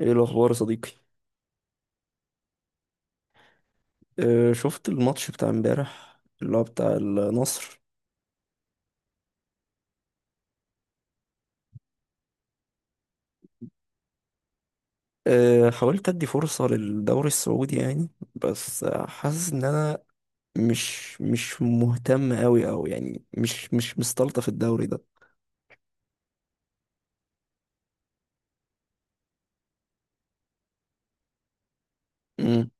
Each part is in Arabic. ايه الاخبار يا صديقي. أه شفت الماتش بتاع امبارح اللي هو بتاع النصر. أه حاولت ادي فرصة للدوري السعودي يعني. بس حاسس ان انا مش مهتم قوي او يعني مش مستلطف الدوري ده. امم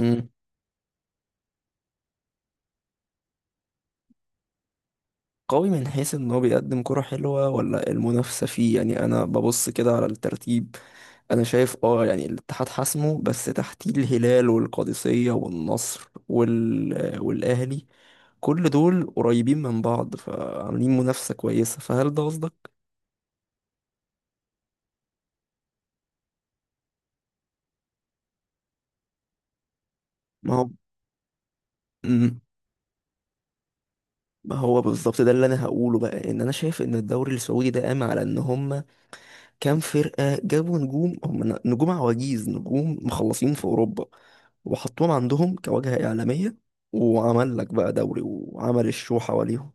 امم قوي من حيث ان هو بيقدم كرة حلوة ولا المنافسة فيه. يعني انا ببص كده على الترتيب. انا شايف اه يعني الاتحاد حاسمه، بس تحتيه الهلال والقادسية والنصر والاهلي. كل دول قريبين من بعض فعاملين منافسة كويسة، فهل ده قصدك؟ ما هو مم. ما هو بالظبط ده اللي انا هقوله بقى. ان انا شايف ان الدوري السعودي ده قام على ان هم كام فرقة جابوا نجوم، هم نجوم عواجيز، نجوم مخلصين في اوروبا، وحطوهم عندهم كواجهة اعلامية، وعمل لك بقى دوري وعمل الشو حواليهم.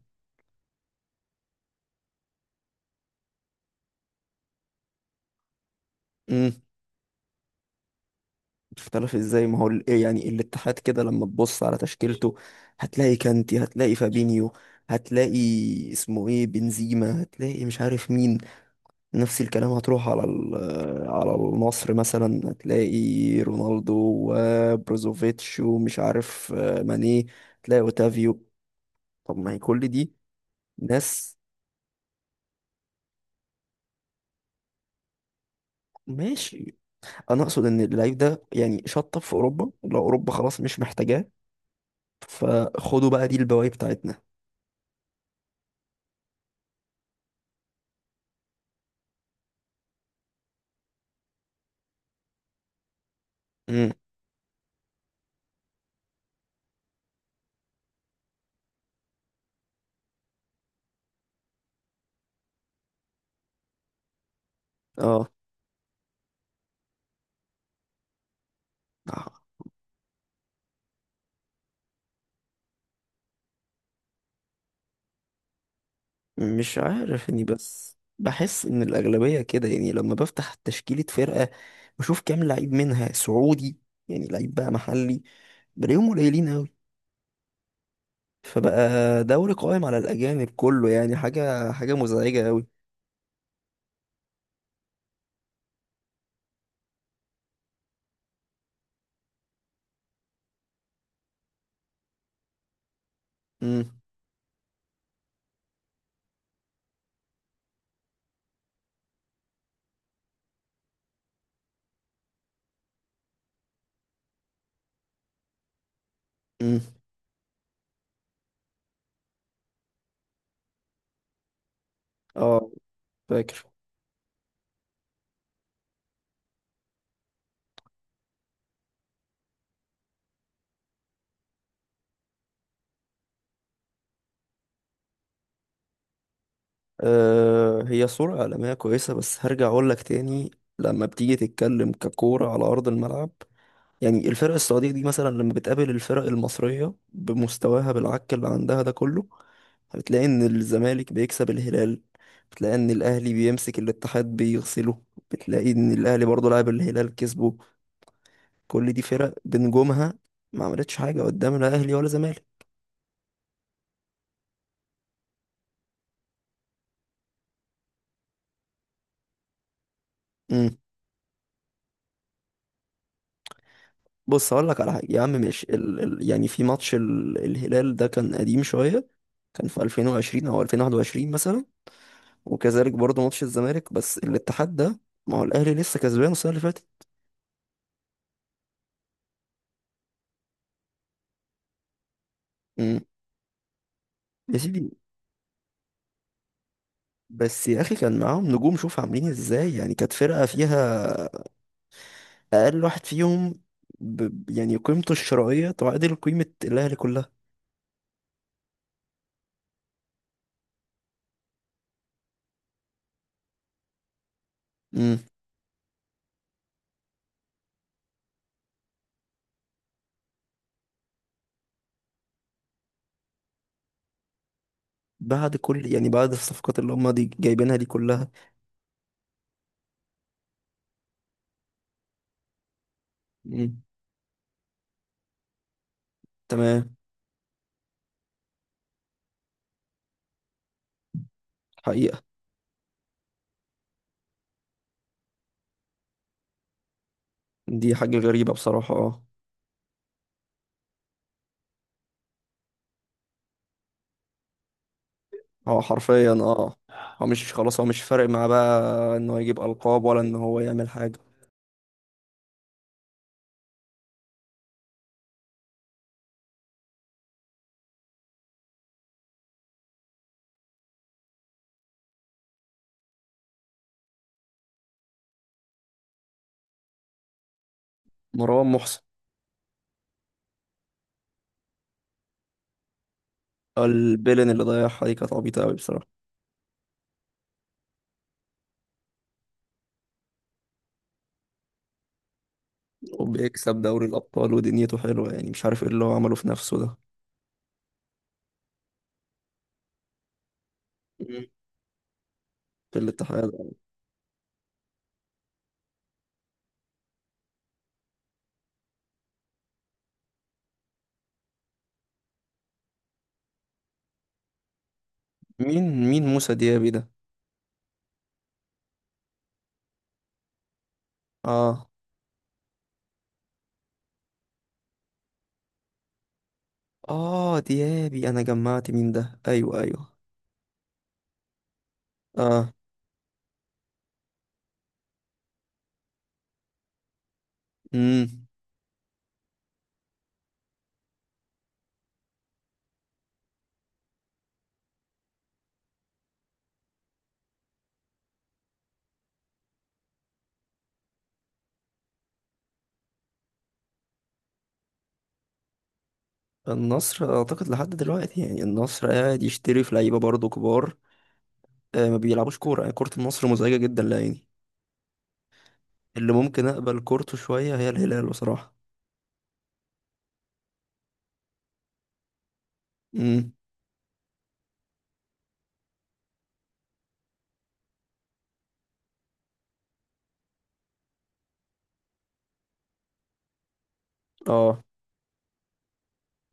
امم. اختلف ازاي؟ ما هو إيه يعني الاتحاد كده لما تبص على تشكيلته هتلاقي كانتي، هتلاقي فابينيو، هتلاقي اسمه ايه بنزيما، هتلاقي مش عارف مين. نفس الكلام هتروح على على النصر مثلا هتلاقي رونالدو وبروزوفيتش ومش عارف ماني، هتلاقي اوتافيو. طب ما هي كل دي ناس. ماشي. انا اقصد ان اللعيب ده يعني شطب في اوروبا، لو اوروبا خلاص مش محتاجاه فخدوا بقى دي البواقي بتاعتنا. امم. اه. آه، مش عارف يعني، بس بحس ان الاغلبيه كده. يعني لما بفتح تشكيله فرقه بشوف كام لعيب منها سعودي، يعني لعيب بقى محلي، بلاقيهم قليلين قوي. فبقى دوري قائم على الاجانب كله. يعني حاجه مزعجه قوي. امم. امم. اه. فاكر. آه هي صوره عالميه كويسه، بس هرجع اقول لك تاني. لما بتيجي تتكلم ككوره على ارض الملعب، يعني الفرق السعودية دي مثلا لما بتقابل الفرق المصرية بمستواها بالعك اللي عندها ده كله، بتلاقي ان الزمالك بيكسب الهلال، بتلاقي ان الاهلي بيمسك الاتحاد بيغسله، بتلاقي ان الاهلي برضه لعب الهلال كسبه. كل دي فرق بنجومها، ما عملتش حاجة قدام لا اهلي ولا زمالك. امم. بص هقول لك على حاجة يا عم. ماشي يعني في ماتش الهلال ده كان قديم شوية، كان في 2020 او 2021 مثلا، وكذلك برضه ماتش الزمالك. بس الاتحاد ده، ما هو الاهلي لسه كسبان السنه اللي فاتت. امم. يا سيدي. بس يا اخي كان معاهم نجوم، شوف عاملين ازاي. يعني كانت فرقه فيها اقل واحد فيهم يعني قيمته الشرائيه تعادل قيمه الاهلي كلها. امم. بعد كل يعني بعد الصفقات اللي هم دي جايبينها دي كلها. امم. تمام. حقيقه. دي حاجه غريبه بصراحه. اه. هو حرفيا اه. هو مش خلاص، هو مش فارق معاه بقى ان هو يجيب القاب ولا ان هو يعمل حاجه. مروان محسن. البيلن اللي ضيعها دي كانت عبيطة أوي بصراحة. وبيكسب دوري الأبطال ودنيته حلوة، يعني مش عارف ايه اللي هو عمله في نفسه ده. مم. في الاتحاد. مين موسى ديابي ده؟ اه. اه ديابي أنا جمعت مين ده، أيوه أيوه. اه. مم. النصر أعتقد لحد دلوقتي يعني النصر قاعد يشتري في لعيبة برضه كبار، آه ما بيلعبوش كورة. يعني كورة النصر مزعجة جدا لعيني. اللي ممكن أقبل كورته شوية هي الهلال بصراحة. مم. اه.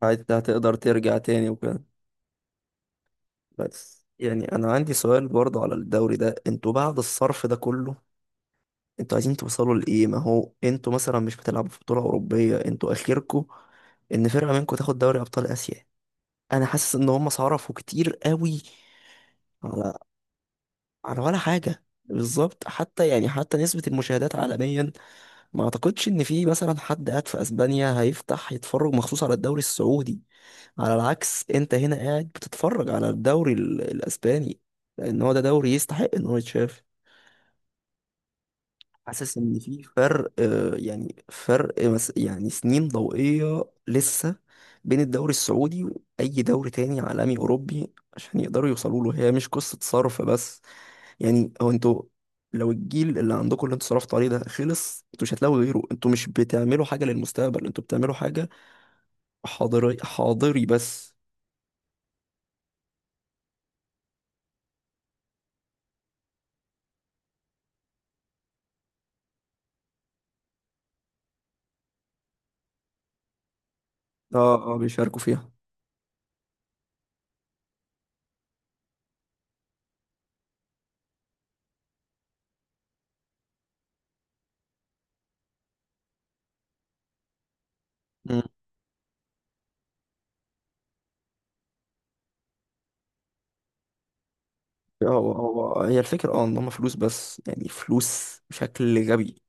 هتقدر ترجع تاني وكده. بس يعني انا عندي سؤال برضه على الدوري ده، انتوا بعد الصرف ده كله انتوا عايزين توصلوا لايه؟ ما هو انتوا مثلا مش بتلعبوا في بطولة أوروبية، انتوا اخركوا ان فرقة منكم تاخد دوري ابطال اسيا. انا حاسس ان هم صرفوا كتير قوي على، على ولا حاجة بالظبط. حتى يعني حتى نسبة المشاهدات عالميا ما اعتقدش ان في مثلا حد قاعد في اسبانيا هيفتح يتفرج مخصوص على الدوري السعودي. على العكس، انت هنا قاعد بتتفرج على الدوري الاسباني لان هو ده دوري يستحق ان هو يتشاف. حاسس ان في فرق يعني فرق يعني سنين ضوئية لسه بين الدوري السعودي واي دوري تاني عالمي اوروبي عشان يقدروا يوصلوا له. هي مش قصة صرف بس. يعني هو انتوا، لو الجيل اللي عندكم اللي انتوا صرفتوا عليه ده خلص انتوا مش هتلاقوا غيره. انتوا مش بتعملوا حاجة للمستقبل، انتوا بتعملوا حاجة حاضري بس. اه اه بيشاركوا فيها. هو هي الفكرة، اه ان هم فلوس، بس يعني فلوس بشكل غبي.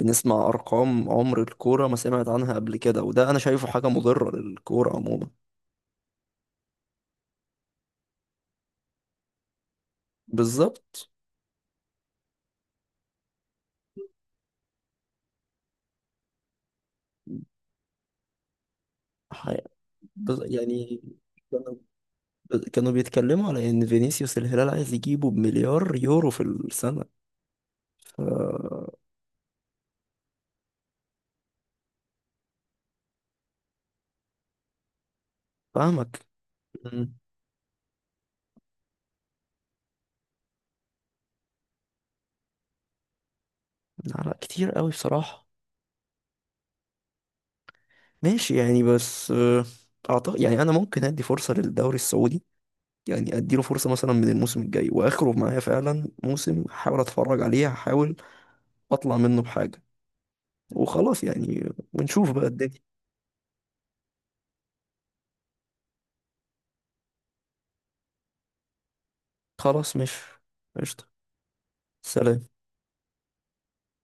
بنسمع ارقام عمر الكورة ما سمعت عنها قبل كده، وده انا شايفه حاجة مضرة للكورة عموما. بالظبط. ح- يعني كانوا كانوا بيتكلموا على ان فينيسيوس الهلال عايز يجيبه بمليار يورو في السنة. ف- فاهمك. مم. لا لا، كتير قوي بصراحة. ماشي يعني، بس اعتقد يعني انا ممكن ادي فرصة للدوري السعودي. يعني اديله فرصه مثلا من الموسم الجاي واخره معايا فعلا موسم، هحاول اتفرج عليه، هحاول اطلع منه بحاجه وخلاص. يعني ونشوف بقى الدنيا. خلاص مش، قشطه. سلام.